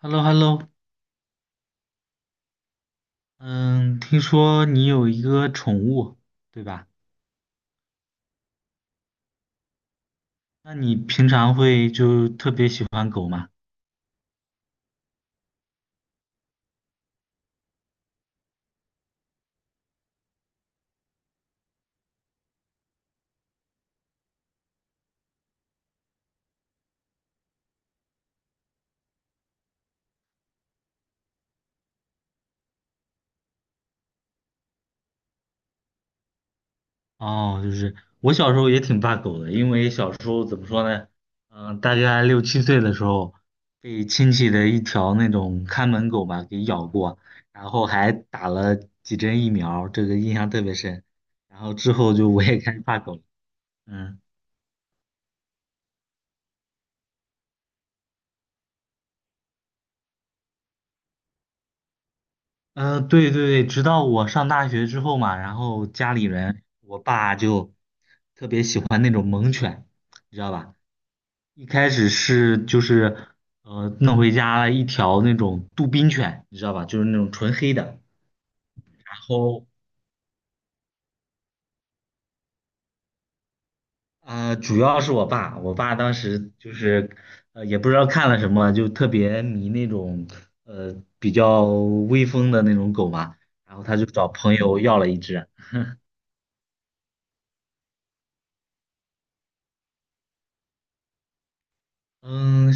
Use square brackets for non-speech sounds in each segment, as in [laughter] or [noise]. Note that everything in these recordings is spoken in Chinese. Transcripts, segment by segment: h e l l o h e l l o 嗯，听说你有一个宠物，对吧？那你平常会就特别喜欢狗吗？哦，就是我小时候也挺怕狗的，因为小时候怎么说呢？大概六七岁的时候，被亲戚的一条那种看门狗吧给咬过，然后还打了几针疫苗，这个印象特别深。然后之后就我也开始怕狗了。嗯。对对对，直到我上大学之后嘛，然后家里人，我爸就特别喜欢那种猛犬，你知道吧？一开始是就是弄回家了一条那种杜宾犬，你知道吧？就是那种纯黑的。然后主要是我爸当时就是也不知道看了什么，就特别迷那种比较威风的那种狗嘛，然后他就找朋友要了一只。嗯，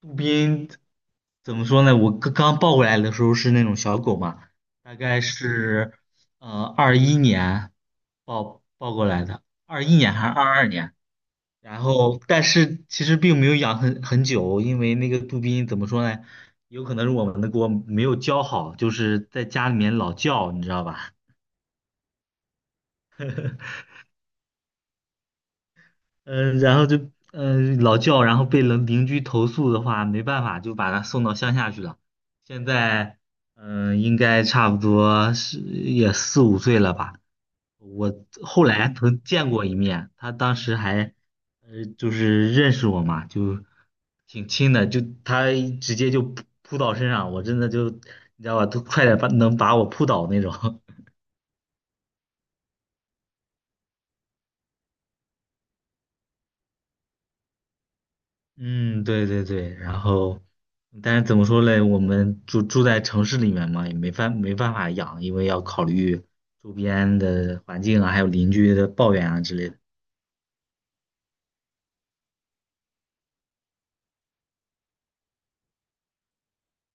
杜宾怎么说呢？我刚刚抱过来的时候是那种小狗嘛，大概是二一年抱过来的，二一年还是22年？然后，但是其实并没有养很久，因为那个杜宾怎么说呢？有可能是我们的锅没有教好，就是在家里面老叫，你知道吧？嗯、然后就老叫，然后被邻居投诉的话，没办法，就把他送到乡下去了。现在应该差不多是也四五岁了吧。我后来曾见过一面，他当时还就是认识我嘛，就挺亲的，就他直接就扑倒身上，我真的就你知道吧，都快点把能把我扑倒那种。[laughs] 嗯，对对对，然后，但是怎么说嘞？我们住在城市里面嘛，也没办法养，因为要考虑周边的环境啊，还有邻居的抱怨啊之类的。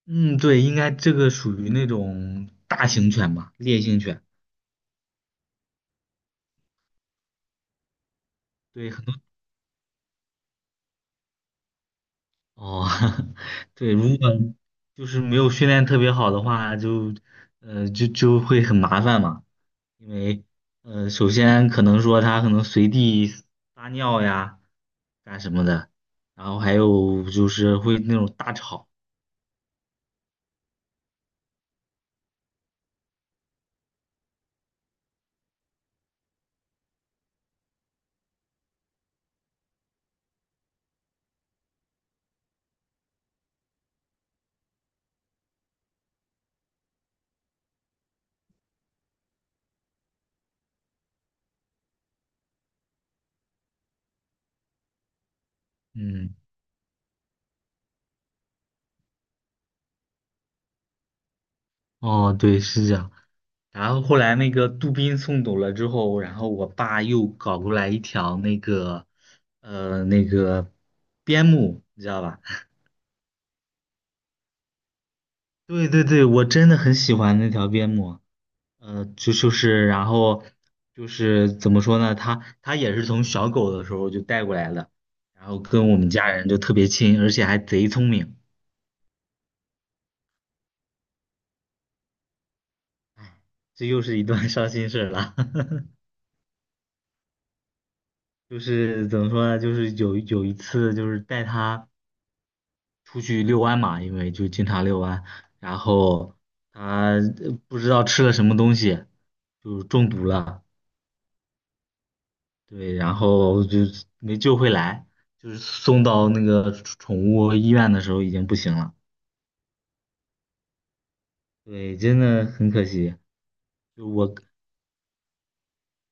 嗯，对，应该这个属于那种大型犬吧，烈性犬。对，很多哦，[laughs] 对，如果就是没有训练特别好的话，就会很麻烦嘛，因为首先可能说它可能随地撒尿呀。干什么的，然后还有就是会那种大吵，嗯，哦，对，是这样。然后后来那个杜宾送走了之后，然后我爸又搞过来一条那个，那个边牧，你知道吧？[laughs] 对对对，我真的很喜欢那条边牧，然后就是怎么说呢，它也是从小狗的时候就带过来的，然后跟我们家人就特别亲，而且还贼聪明，这又是一段伤心事儿了。[laughs] 就是怎么说呢？就是有一次，就是带它出去遛弯嘛，因为就经常遛弯，然后它不知道吃了什么东西，就中毒了，对，然后就没救回来，就是送到那个宠物医院的时候已经不行了，对，真的很可惜。就我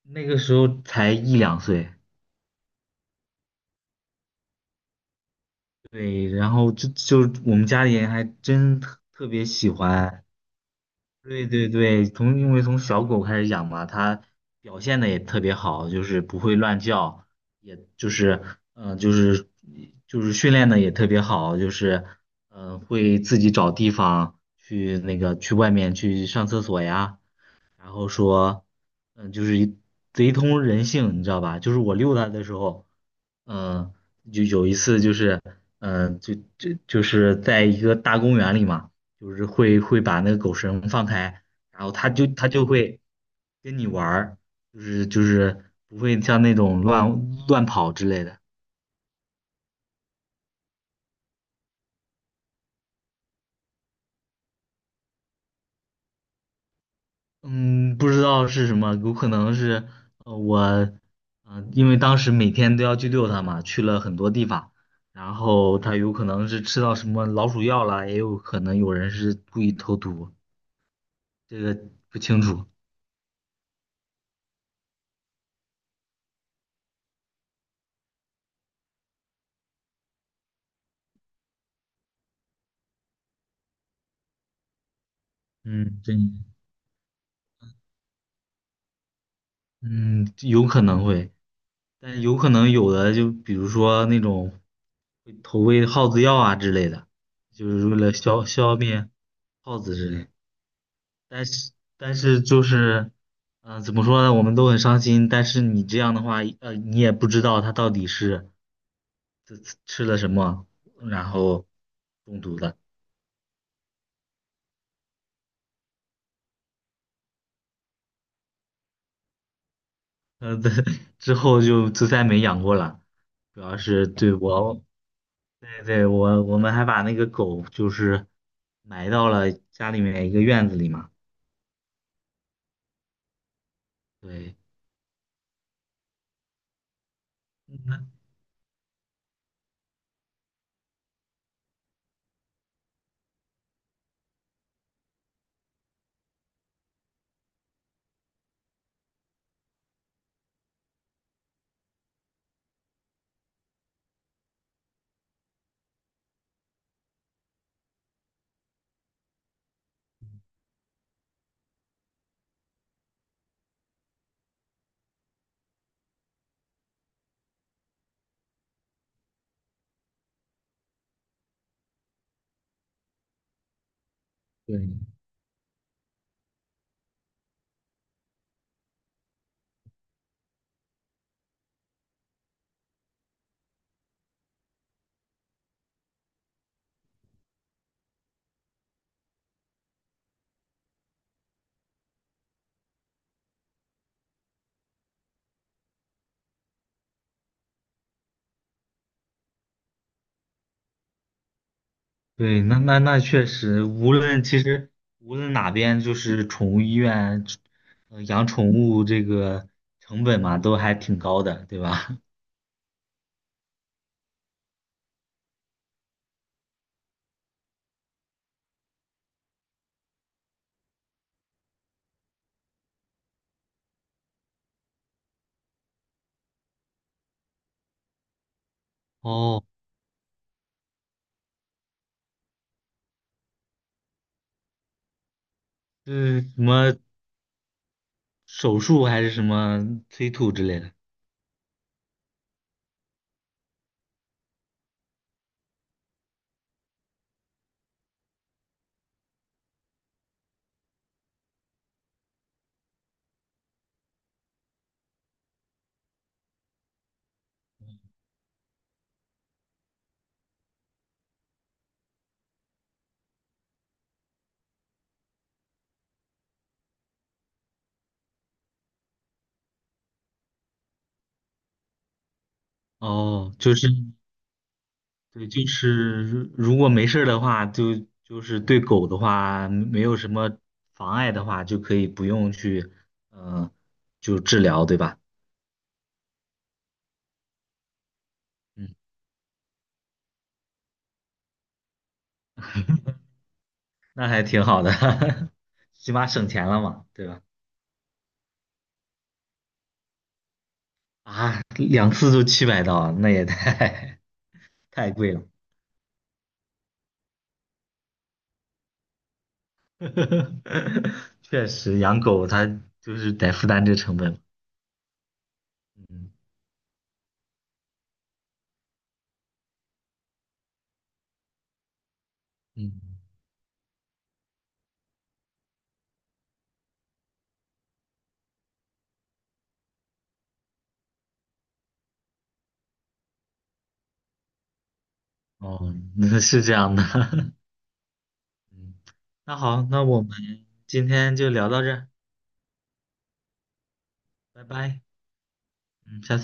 那个时候才一两岁，对，然后就我们家里人还真特别喜欢。对对对，因为从小狗开始养嘛，它表现的也特别好，就是不会乱叫，也就是嗯、呃就是就是训练的也特别好，就是会自己找地方去那个去外面去上厕所呀，然后说，就是一贼通人性，你知道吧？就是我遛它的时候，嗯，就有一次就是，就是在一个大公园里嘛，就是会把那个狗绳放开，然后它就会跟你玩儿，就是不会像那种乱跑之类的。嗯，不知道是什么，有可能是我，因为当时每天都要去遛它嘛，去了很多地方，然后它有可能是吃到什么老鼠药了，也有可能有人是故意投毒，这个不清楚。嗯，真。嗯有可能会，但有可能有的就比如说那种会投喂耗子药啊之类的，就是为了消灭耗子之类的。但是就是，怎么说呢？我们都很伤心。但是你这样的话，你也不知道它到底是吃了什么，然后中毒的。对，[laughs] 之后就再没养过了。主要是对我，对对，我们还把那个狗就是埋到了家里面一个院子里嘛。对，嗯对。对，那确实，无论其实无论哪边，就是宠物医院，养宠物这个成本嘛，都还挺高的，对吧？[laughs] 哦，是什么手术还是什么催吐之类的？哦，就是对，就是如果没事儿的话，就是对狗的话，没有什么妨碍的话，就可以不用去，嗯，就治疗，对吧？嗯，那还挺好的，[laughs] 起码省钱了嘛，对吧？啊，两次都700刀，那也太 [laughs] 太贵了。[laughs] 确实，养狗它就是得负担这成本。嗯嗯，哦，那是这样的。[laughs] 嗯，那好，那我们今天就聊到这儿拜拜。嗯，下次。